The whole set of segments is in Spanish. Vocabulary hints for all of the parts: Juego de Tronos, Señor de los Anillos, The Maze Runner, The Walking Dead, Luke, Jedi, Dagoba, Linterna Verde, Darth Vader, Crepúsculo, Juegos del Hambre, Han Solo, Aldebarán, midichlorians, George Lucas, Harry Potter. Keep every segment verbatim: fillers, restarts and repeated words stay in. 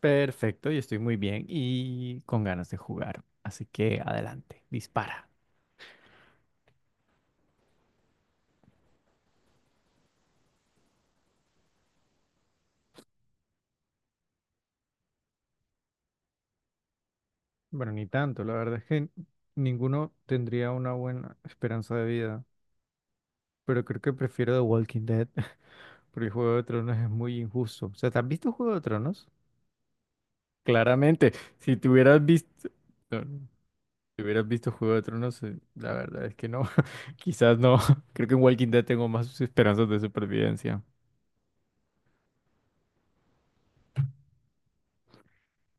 Perfecto, yo estoy muy bien y con ganas de jugar. Así que adelante, dispara. Bueno, ni tanto, la verdad es que ninguno tendría una buena esperanza de vida, pero creo que prefiero The Walking Dead, porque Juego de Tronos es muy injusto. O sea, ¿te has visto Juego de Tronos? Claramente, si te hubieras visto, no, no, si hubieras visto Juego de Tronos, eh, la verdad es que no, quizás no. Creo que en Walking Dead tengo más esperanzas de supervivencia.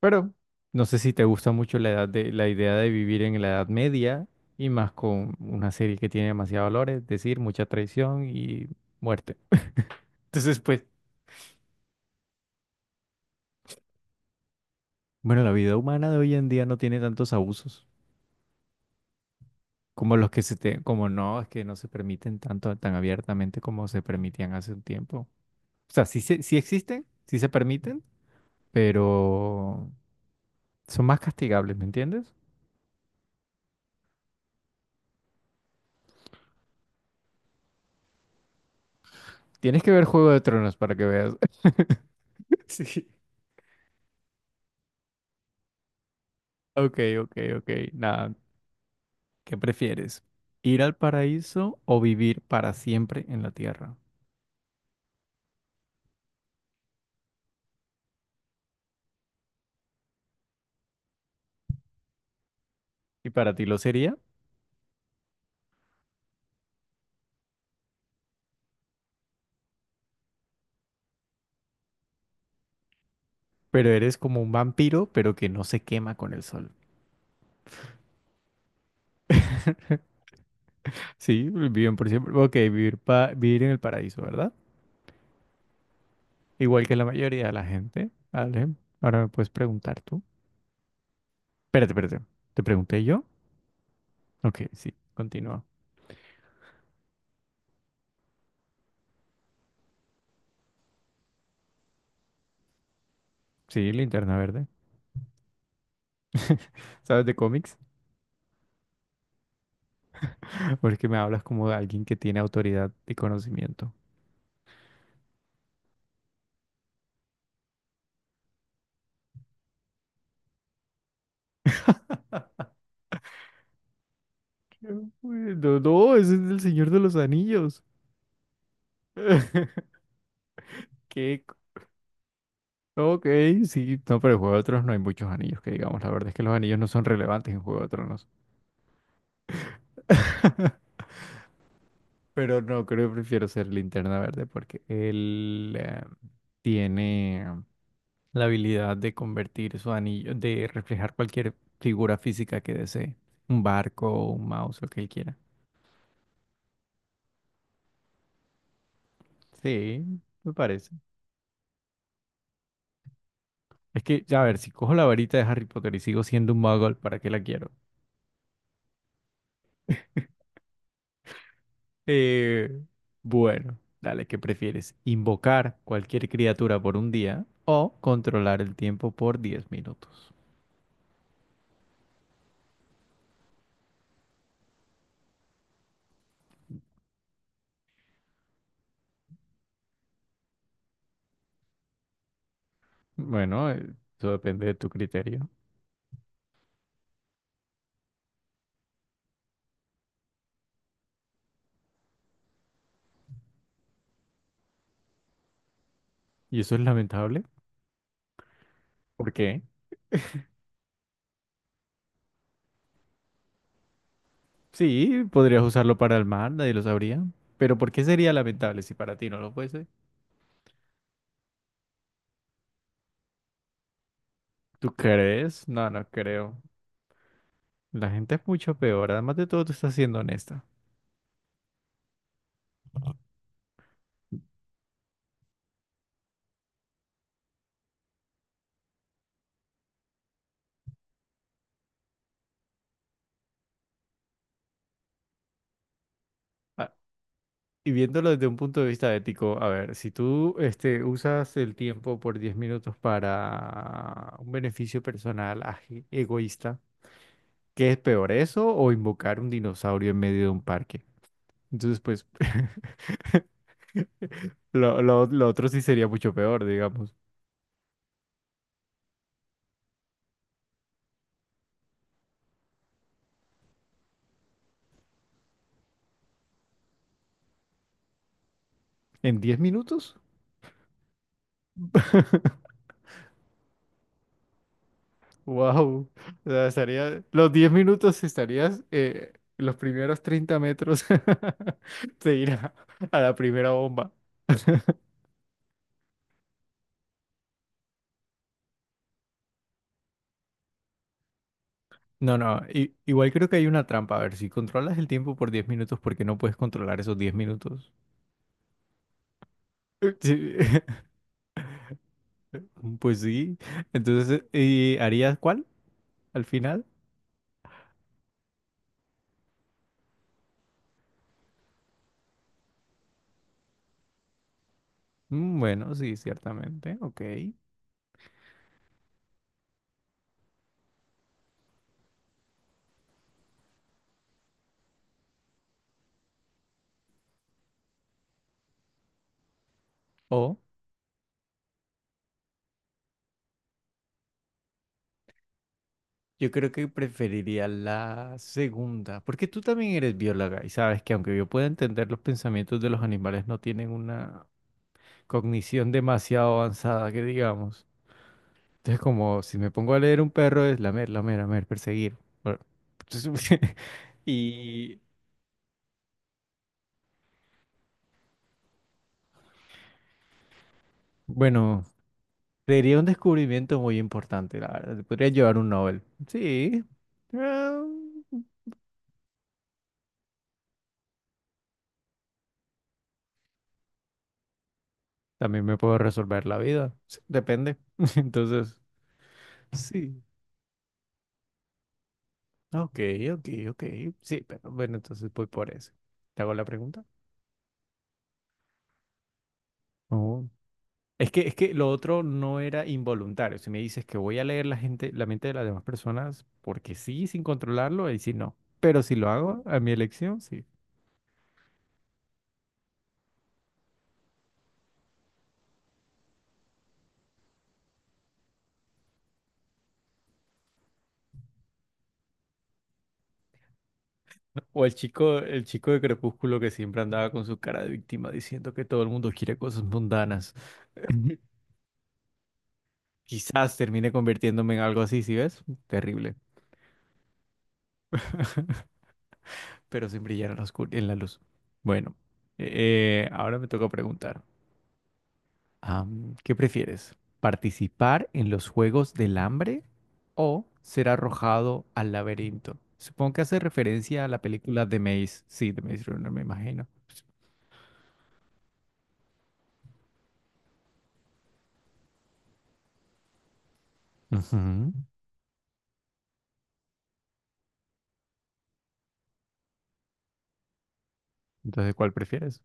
Pero no sé si te gusta mucho la edad de, la idea de vivir en la Edad Media y más con una serie que tiene demasiados valores, es decir, mucha traición y muerte. Entonces, pues, bueno, la vida humana de hoy en día no tiene tantos abusos como los que se te, como no, es que no se permiten tanto tan abiertamente como se permitían hace un tiempo. O sea, sí, se- sí existen, sí se permiten, pero son más castigables, ¿me entiendes? Tienes que ver Juego de Tronos para que veas. Sí. Ok, ok, ok. Nada. ¿Qué prefieres? ¿Ir al paraíso o vivir para siempre en la tierra? Y para ti lo sería, pero eres como un vampiro, pero que no se quema con el sol. Sí, viven por siempre. Ok, vivir, pa- vivir en el paraíso, ¿verdad? Igual que la mayoría de la gente. Vale, ahora me puedes preguntar tú. Espérate, espérate. ¿Te pregunté yo? Ok, sí, continúa. Sí, linterna verde. ¿Sabes de cómics? Porque me hablas como de alguien que tiene autoridad y conocimiento. Qué bueno. No, ese es el Señor de los Anillos. Qué co- Ok, sí, no, pero en Juego de Tronos no hay muchos anillos que digamos. La verdad es que los anillos no son relevantes en Juego de Tronos. Pero no, creo que prefiero ser Linterna Verde porque él eh, tiene la habilidad de convertir su anillo, de reflejar cualquier figura física que desee. Un barco, un mouse, lo que él quiera. Sí, me parece. Es que, ya a ver, si cojo la varita de Harry Potter y sigo siendo un muggle, ¿para qué la quiero? Eh, bueno, dale, ¿qué prefieres? ¿Invocar cualquier criatura por un día o controlar el tiempo por diez minutos? Bueno, eh, eso depende de tu criterio. Y eso es lamentable. ¿Por qué? Sí, podrías usarlo para el mal, nadie lo sabría. Pero ¿por qué sería lamentable si para ti no lo fuese? ¿Tú crees? No, no creo. La gente es mucho peor. Además de todo, tú estás siendo honesta. Y viéndolo desde un punto de vista ético, a ver, si tú este, usas el tiempo por diez minutos para un beneficio personal aje- egoísta, ¿qué es peor, eso o invocar un dinosaurio en medio de un parque? Entonces, pues, lo, lo- lo otro sí sería mucho peor, digamos. ¿En diez minutos? ¡Wow! O sea, estaría, los diez minutos estarías eh, los primeros treinta metros de irá a la primera bomba. No, no, i- igual creo que hay una trampa. A ver, si controlas el tiempo por diez minutos, ¿por qué no puedes controlar esos diez minutos? Sí, Pues sí. Entonces, ¿y harías cuál al final? Mm, Bueno, sí, ciertamente. Ok. O yo creo que preferiría la segunda, porque tú también eres bióloga y sabes que aunque yo pueda entender los pensamientos de los animales, no tienen una cognición demasiado avanzada, que digamos. Entonces, como si me pongo a leer un perro, es lamer, lamer, lamer, perseguir. Bueno, y bueno, sería un descubrimiento muy importante, la verdad. Podría llevar un Nobel. Sí. eh, También me puedo resolver la vida. Sí, depende. Entonces, sí. Ok, ok, ok. Sí, pero bueno, entonces voy por eso. ¿Te hago la pregunta? Oh. Es que, es que lo otro no era involuntario. Si me dices que voy a leer la gente, la mente de las demás personas, porque sí, sin controlarlo, ahí sí no. Pero si lo hago a mi elección, sí. O el chico, el chico de Crepúsculo que siempre andaba con su cara de víctima diciendo que todo el mundo quiere cosas mundanas. Quizás termine convirtiéndome en algo así, ¿sí ves? Terrible. Pero sin brillar en la oscur- en la luz. Bueno, eh, eh, ahora me toca preguntar. Am, ¿qué prefieres? ¿Participar en los Juegos del Hambre o ser arrojado al laberinto? Supongo que hace referencia a la película The Maze. Sí, The Maze Runner, me imagino. Ujú. Entonces, ¿cuál prefieres?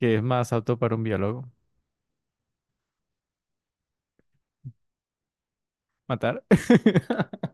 ¿Qué es más apto para un biólogo? ¿Matar?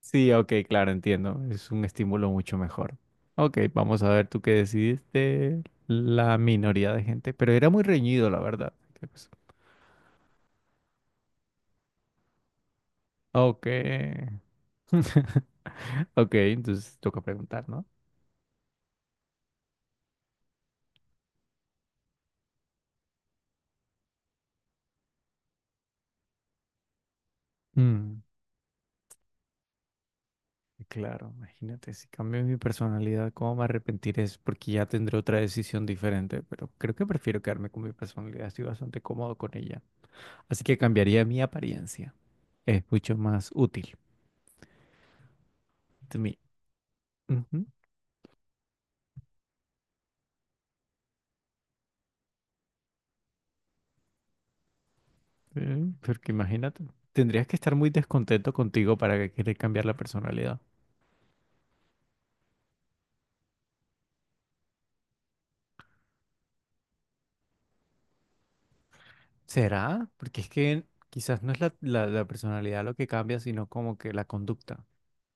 Sí, ok, claro, entiendo. Es un estímulo mucho mejor. Ok, vamos a ver tú qué decidiste. La minoría de gente, pero era muy reñido, la verdad. Ok. Ok, entonces toca preguntar, ¿no? Mm, claro, imagínate, si cambio mi personalidad, ¿cómo me arrepentiré? Es porque ya tendré otra decisión diferente, pero creo que prefiero quedarme con mi personalidad, estoy bastante cómodo con ella. Así que cambiaría mi apariencia, es mucho más útil to me. Ujú, eh, porque imagínate, tendrías que estar muy descontento contigo para que querer cambiar la personalidad. ¿Será? Porque es que quizás no es la, la la personalidad lo que cambia, sino como que la conducta,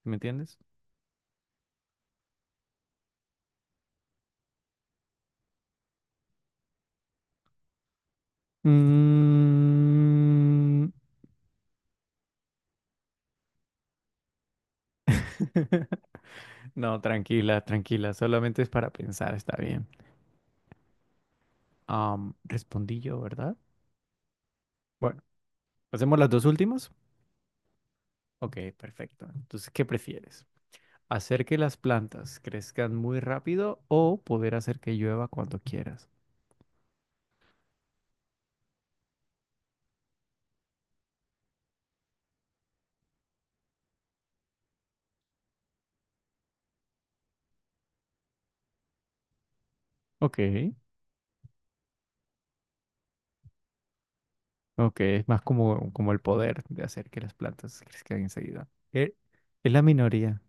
¿sí?, ¿me entiendes? Mm. No, tranquila, tranquila, solamente es para pensar, está bien. Am, respondí yo, ¿verdad? Bueno, ¿hacemos las dos últimas? Ok, perfecto. Entonces, ¿qué prefieres? ¿Hacer que las plantas crezcan muy rápido o poder hacer que llueva cuando quieras? Ok, ok, es más como, como el poder de hacer que las plantas crezcan enseguida. Eh, Es la minoría,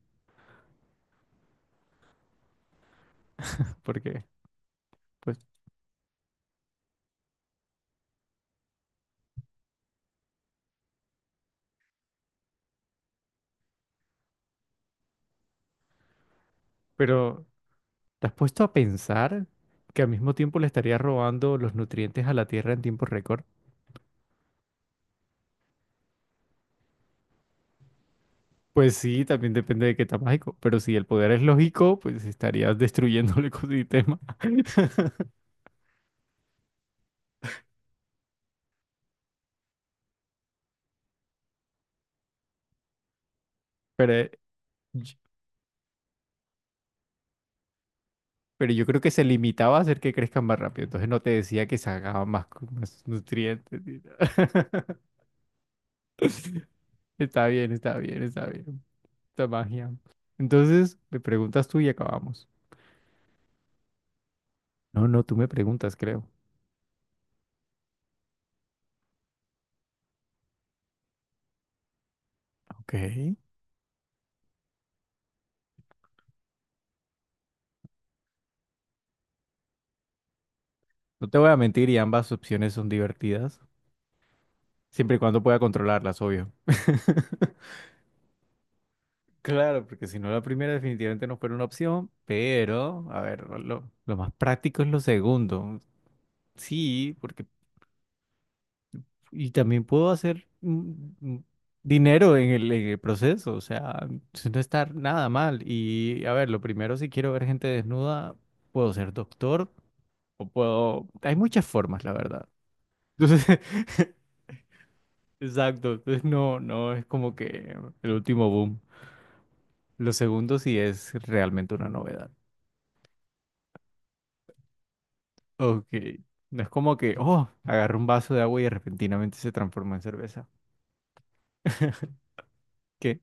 porque, pues, pero ¿te has puesto a pensar que al mismo tiempo le estaría robando los nutrientes a la Tierra en tiempo récord? Pues sí, también depende de qué tan mágico. Pero si el poder es lógico, pues estarías destruyendo el ecosistema. Pero, eh, y- pero yo creo que se limitaba a hacer que crezcan más rápido. Entonces no te decía que sacaban más, cu- más nutrientes, ni nada. Está bien, está bien, está bien. Esta magia. Entonces, me preguntas tú y acabamos. No, no, tú me preguntas, creo. Ok. No te voy a mentir y ambas opciones son divertidas, siempre y cuando pueda controlarlas, obvio. Claro, porque si no la primera definitivamente no fuera una opción, pero, a ver, lo, lo más práctico es lo segundo. Sí, porque, y también puedo hacer mm, mm, dinero en el, en el proceso, o sea, sin no está nada mal. Y, a ver, lo primero, si quiero ver gente desnuda, puedo ser doctor o puedo... Hay muchas formas, la verdad. Entonces, exacto, entonces no, no es como que el último boom. Lo segundo sí es realmente una novedad. Ok, no es como que, oh, agarró un vaso de agua y repentinamente se transformó en cerveza. ¿Qué?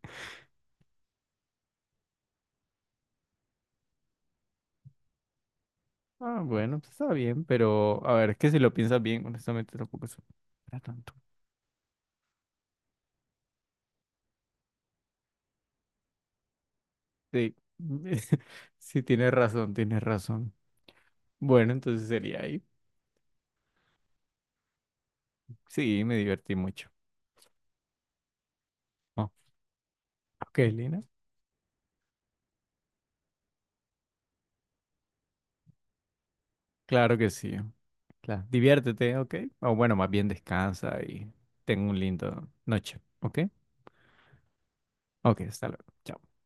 Ah, bueno, pues está bien, pero a ver, es que si lo piensas bien, honestamente tampoco es para tanto. Sí, sí, tienes razón, tienes razón. Bueno, entonces sería ahí. Sí, me divertí mucho. Oh, ok, Lina. Claro que sí. Claro. Diviértete, ¿ok? O bueno, más bien descansa y ten un lindo noche, ¿ok? Ok, hasta luego. Chao.